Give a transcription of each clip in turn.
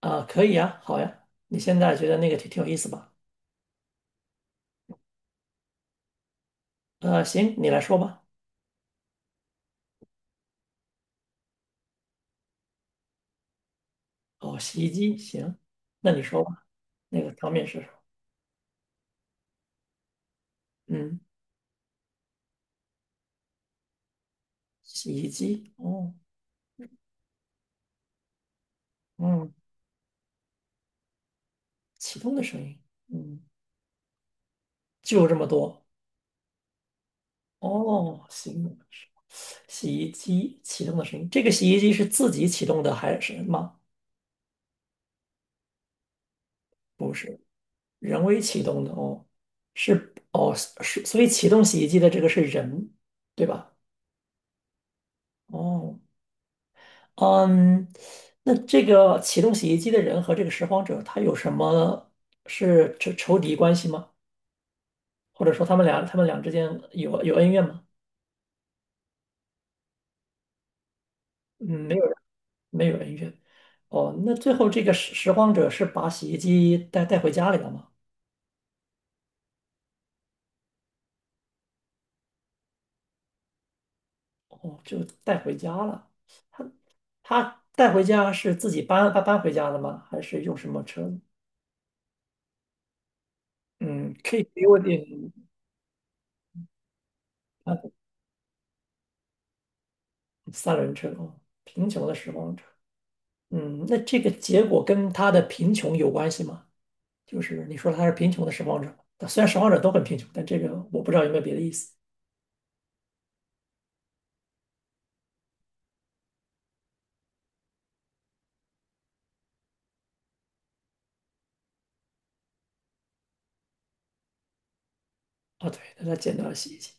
啊，可以呀，好呀，你现在觉得那个挺有意思吧？行，你来说吧。哦，洗衣机，行，那你说吧。那个汤面是什么？嗯，洗衣机，哦，嗯，启动的声音，嗯，就这么多。哦，行，洗衣机启动的声音，这个洗衣机是自己启动的还是什么？不是，人为启动的哦，是哦是，所以启动洗衣机的这个是人，对吧？哦。嗯，那这个启动洗衣机的人和这个拾荒者，他有什么是仇敌关系吗？或者说他们俩之间有恩怨吗？嗯，没有没有恩怨。哦，那最后这个拾荒者是把洗衣机带回家里了吗？哦，就带回家了。他他带回家是自己搬回家的吗？还是用什么车？嗯，可以给我点啊，三轮车哦，贫穷的拾荒者。嗯，那这个结果跟他的贫穷有关系吗？就是你说他是贫穷的拾荒者，虽然拾荒者都很贫穷，但这个我不知道有没有别的意思啊。对，那他捡到了洗衣机，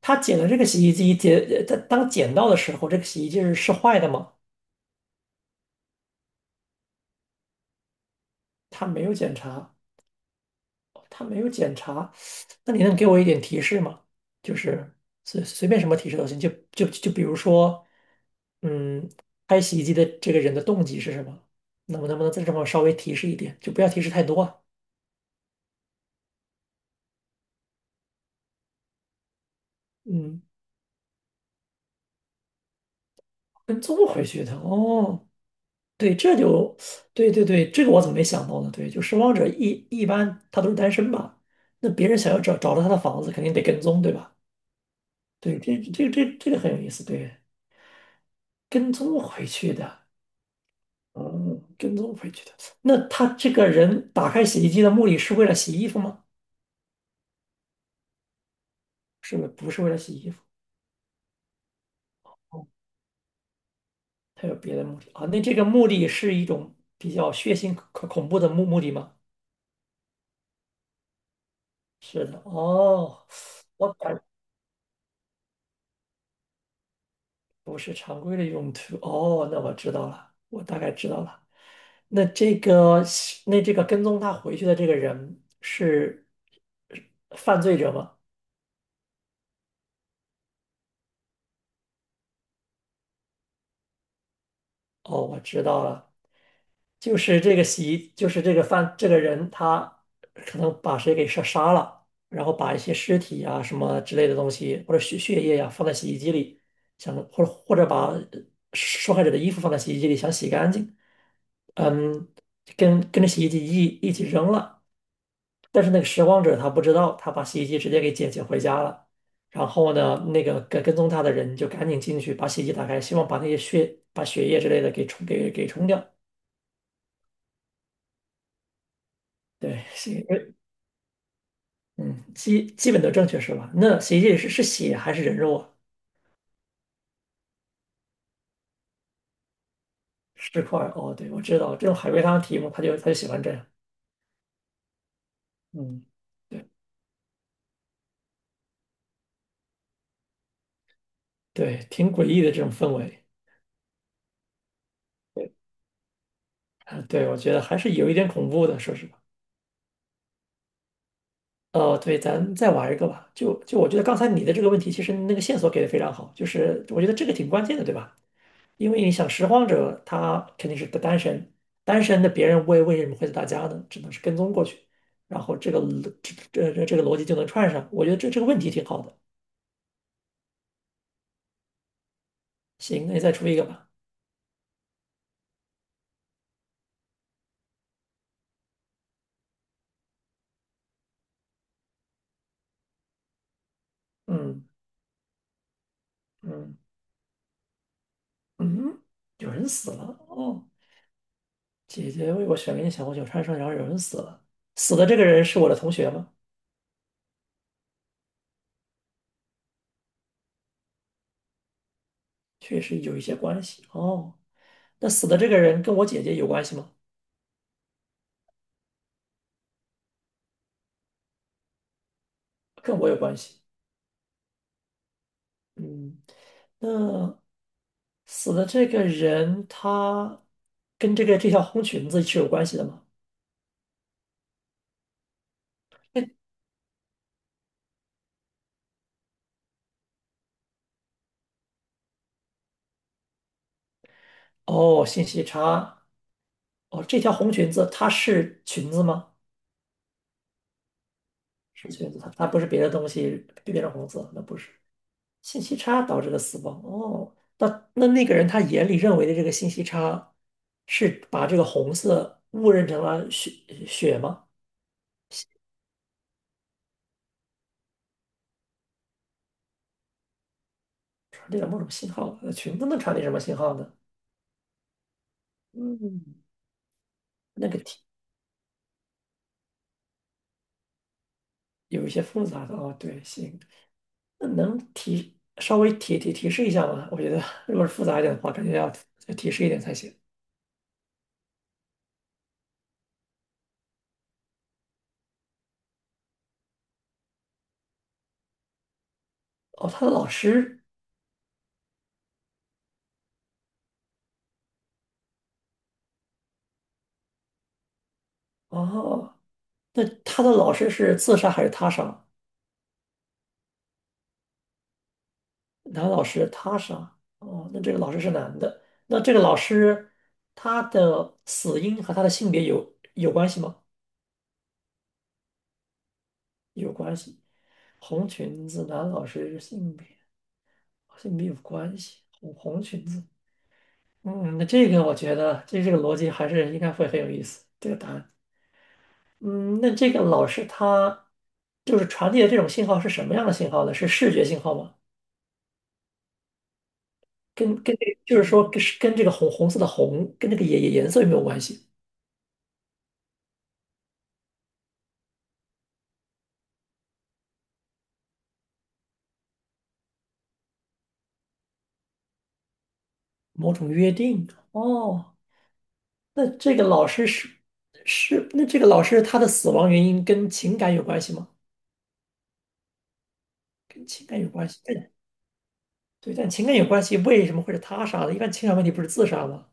他捡了这个洗衣机，他当捡到的时候，这个洗衣机是是坏的吗？他没有检查，哦他没有检查，那你能给我一点提示吗？就是随便什么提示都行，就比如说，嗯，开洗衣机的这个人的动机是什么？能不能再这么稍微提示一点，就不要提示太多啊。嗯，跟踪回去的哦，对，这就对对对，这个我怎么没想到呢？对，就拾荒者一般他都是单身吧？那别人想要找到他的房子，肯定得跟踪，对吧？对，这个很有意思，对，跟踪回去的，嗯，跟踪回去的。那他这个人打开洗衣机的目的是为了洗衣服吗？是不是不是为了洗衣服？哦，他有别的目的啊？那这个目的是一种比较血腥、可恐怖的目的吗？是的，哦。我感不是常规的用途。哦，那我知道了，我大概知道了。那这个，那这个跟踪他回去的这个人是犯罪者吗？哦，我知道了，就是这个洗衣，就是这个犯这个人，他可能把谁给杀了，然后把一些尸体啊什么之类的东西，或者血液呀、放在洗衣机里，想或者或者把受害者的衣服放在洗衣机里，想洗干净，嗯，跟着洗衣机一起扔了。但是那个拾荒者他不知道，他把洗衣机直接给捡回家了。然后呢，那个跟踪他的人就赶紧进去把洗衣机打开，希望把那些血、把血液之类的给冲掉。对，洗，嗯，基本都正确是吧？那洗衣机里是是血还是人肉啊？尸块儿？哦，对，我知道这种海龟汤题目，他就喜欢这样。嗯，对对，挺诡异的这种氛围。对，啊，对，我觉得还是有一点恐怖的，说实话。哦，对，咱再玩一个吧。就我觉得刚才你的这个问题，其实那个线索给的非常好，就是我觉得这个挺关键的，对吧？因为你想拾荒者他肯定是个单身，单身的别人为什么会是大家呢？只能是跟踪过去，然后这个逻这这这这个逻辑就能串上。我觉得这个问题挺好的。行，那你再出一个吧。嗯嗯嗯，有人死了哦，姐姐为我选了一件小红酒穿上，然后有人死了，死的这个人是我的同学吗？确实有一些关系哦。那死的这个人跟我姐姐有关系吗？跟我有关系。嗯，那死的这个人他跟这个这条红裙子是有关系的吗？这哦，信息差。哦，这条红裙子它是裙子吗？是裙子，它不是别的东西变成红色，那不是。信息差导致的死亡。哦，那那个人他眼里认为的这个信息差，是把这个红色误认成了血吗？传递了某种信号，那裙子能传递什么信号呢？嗯，那个提有一些复杂的哦，对，行，那能提稍微提示一下吗？我觉得如果是复杂一点的话，肯定要再提示一点才行。哦，他的老师，哦，那他的老师是自杀还是他杀？男老师他杀，哦，那这个老师是男的，那这个老师他的死因和他的性别有关系吗？有关系，红裙子男老师性别。好像没有关系。红裙子，嗯，那这个我觉得这个逻辑还是应该会很有意思。这个答案，嗯，那这个老师他就是传递的这种信号是什么样的信号呢？是视觉信号吗？跟跟这就是说跟这个红色跟这个颜色有没有关系？某种约定？哦，那这个老师是是那这个老师他的死亡原因跟情感有关系吗？跟情感有关系，但对，但情感有关系，为什么会是他杀的？一般情感问题不是自杀吗？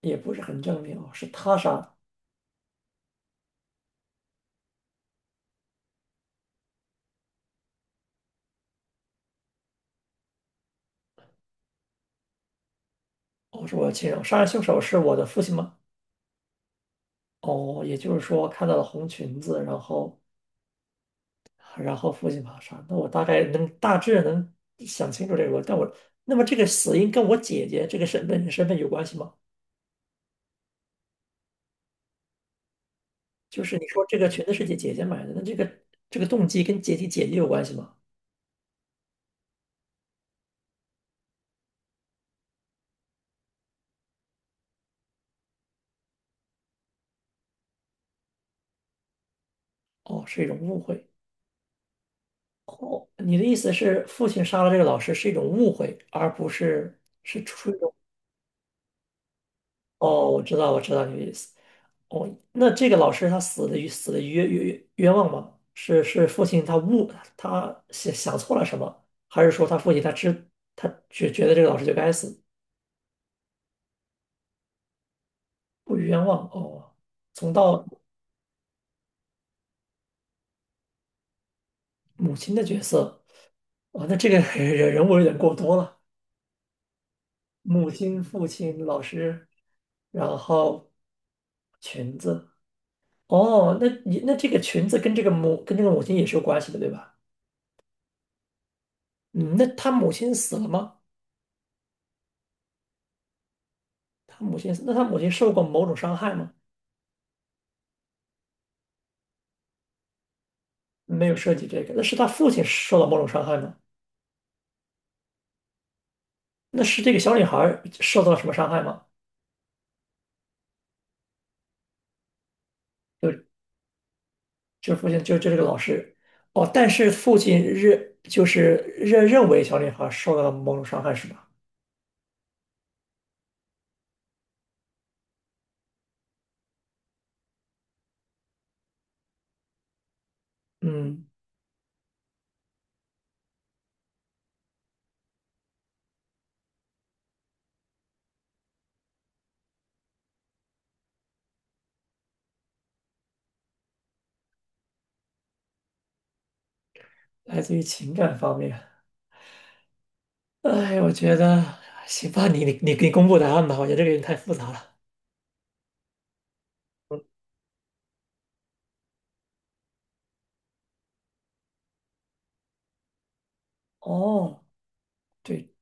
也不是很证明哦，是他杀的哦，是我的亲人，杀人凶手是我的父亲吗？哦，也就是说看到了红裙子，然后然后父亲把他杀，那我大概能大致能想清楚这个逻辑但我那么这个死因跟我姐姐这个身份有关系吗？就是你说这个裙子是姐姐买的，那这个这个动机跟姐姐有关系吗？哦，是一种误会。你的意思是父亲杀了这个老师是一种误会，而不是是出于一种哦，我知道，我知道你的意思。哦，那这个老师他死的冤枉吗？是是父亲他误他想错了什么，还是说他父亲他知他觉得这个老师就该死，不冤枉？哦，从到母亲的角色，哦，那这个 人物有点过多了，母亲、父亲、老师，然后裙子。哦，那你那这个裙子跟这个母亲也是有关系的，对吧？嗯，那他母亲死了吗？他母亲，那他母亲受过某种伤害吗？没有涉及这个，那是他父亲受到某种伤害吗？那是这个小女孩受到了什么伤害吗？就父亲这个老师，哦，但是父亲认认为小女孩受到了某种伤害是吧？嗯，来自于情感方面。哎，我觉得行吧，你公布答案吧，我觉得这个有点太复杂了。哦，对，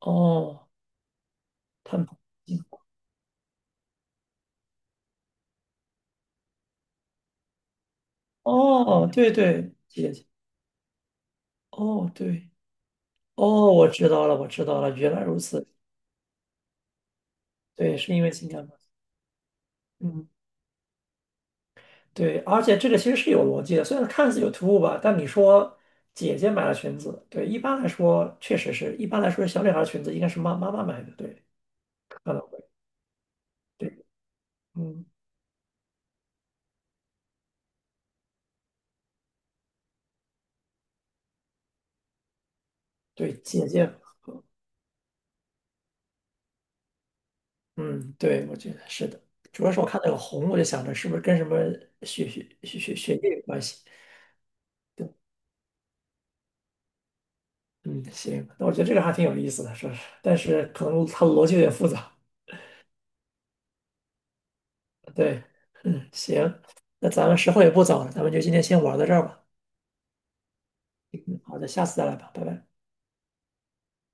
哦，他们，哦，对对，姐姐，哦对。哦，我知道了，我知道了，原来如此。对，是因为情感吗？嗯，对，而且这个其实是有逻辑的，虽然看似有突兀吧，但你说姐姐买了裙子，对，一般来说确实是，一般来说小女孩的裙子应该是妈妈买的，对，可能会，对，嗯，对，姐姐和嗯，对，我觉得是的，主要是我看那个红，我就想着是不是跟什么血液有关系，嗯，行，那我觉得这个还挺有意思的，是不是？但是可能它的逻辑有点复杂。对，嗯，行，那咱们时候也不早了，咱们就今天先玩到这儿吧。嗯，好的，下次再来吧，拜拜。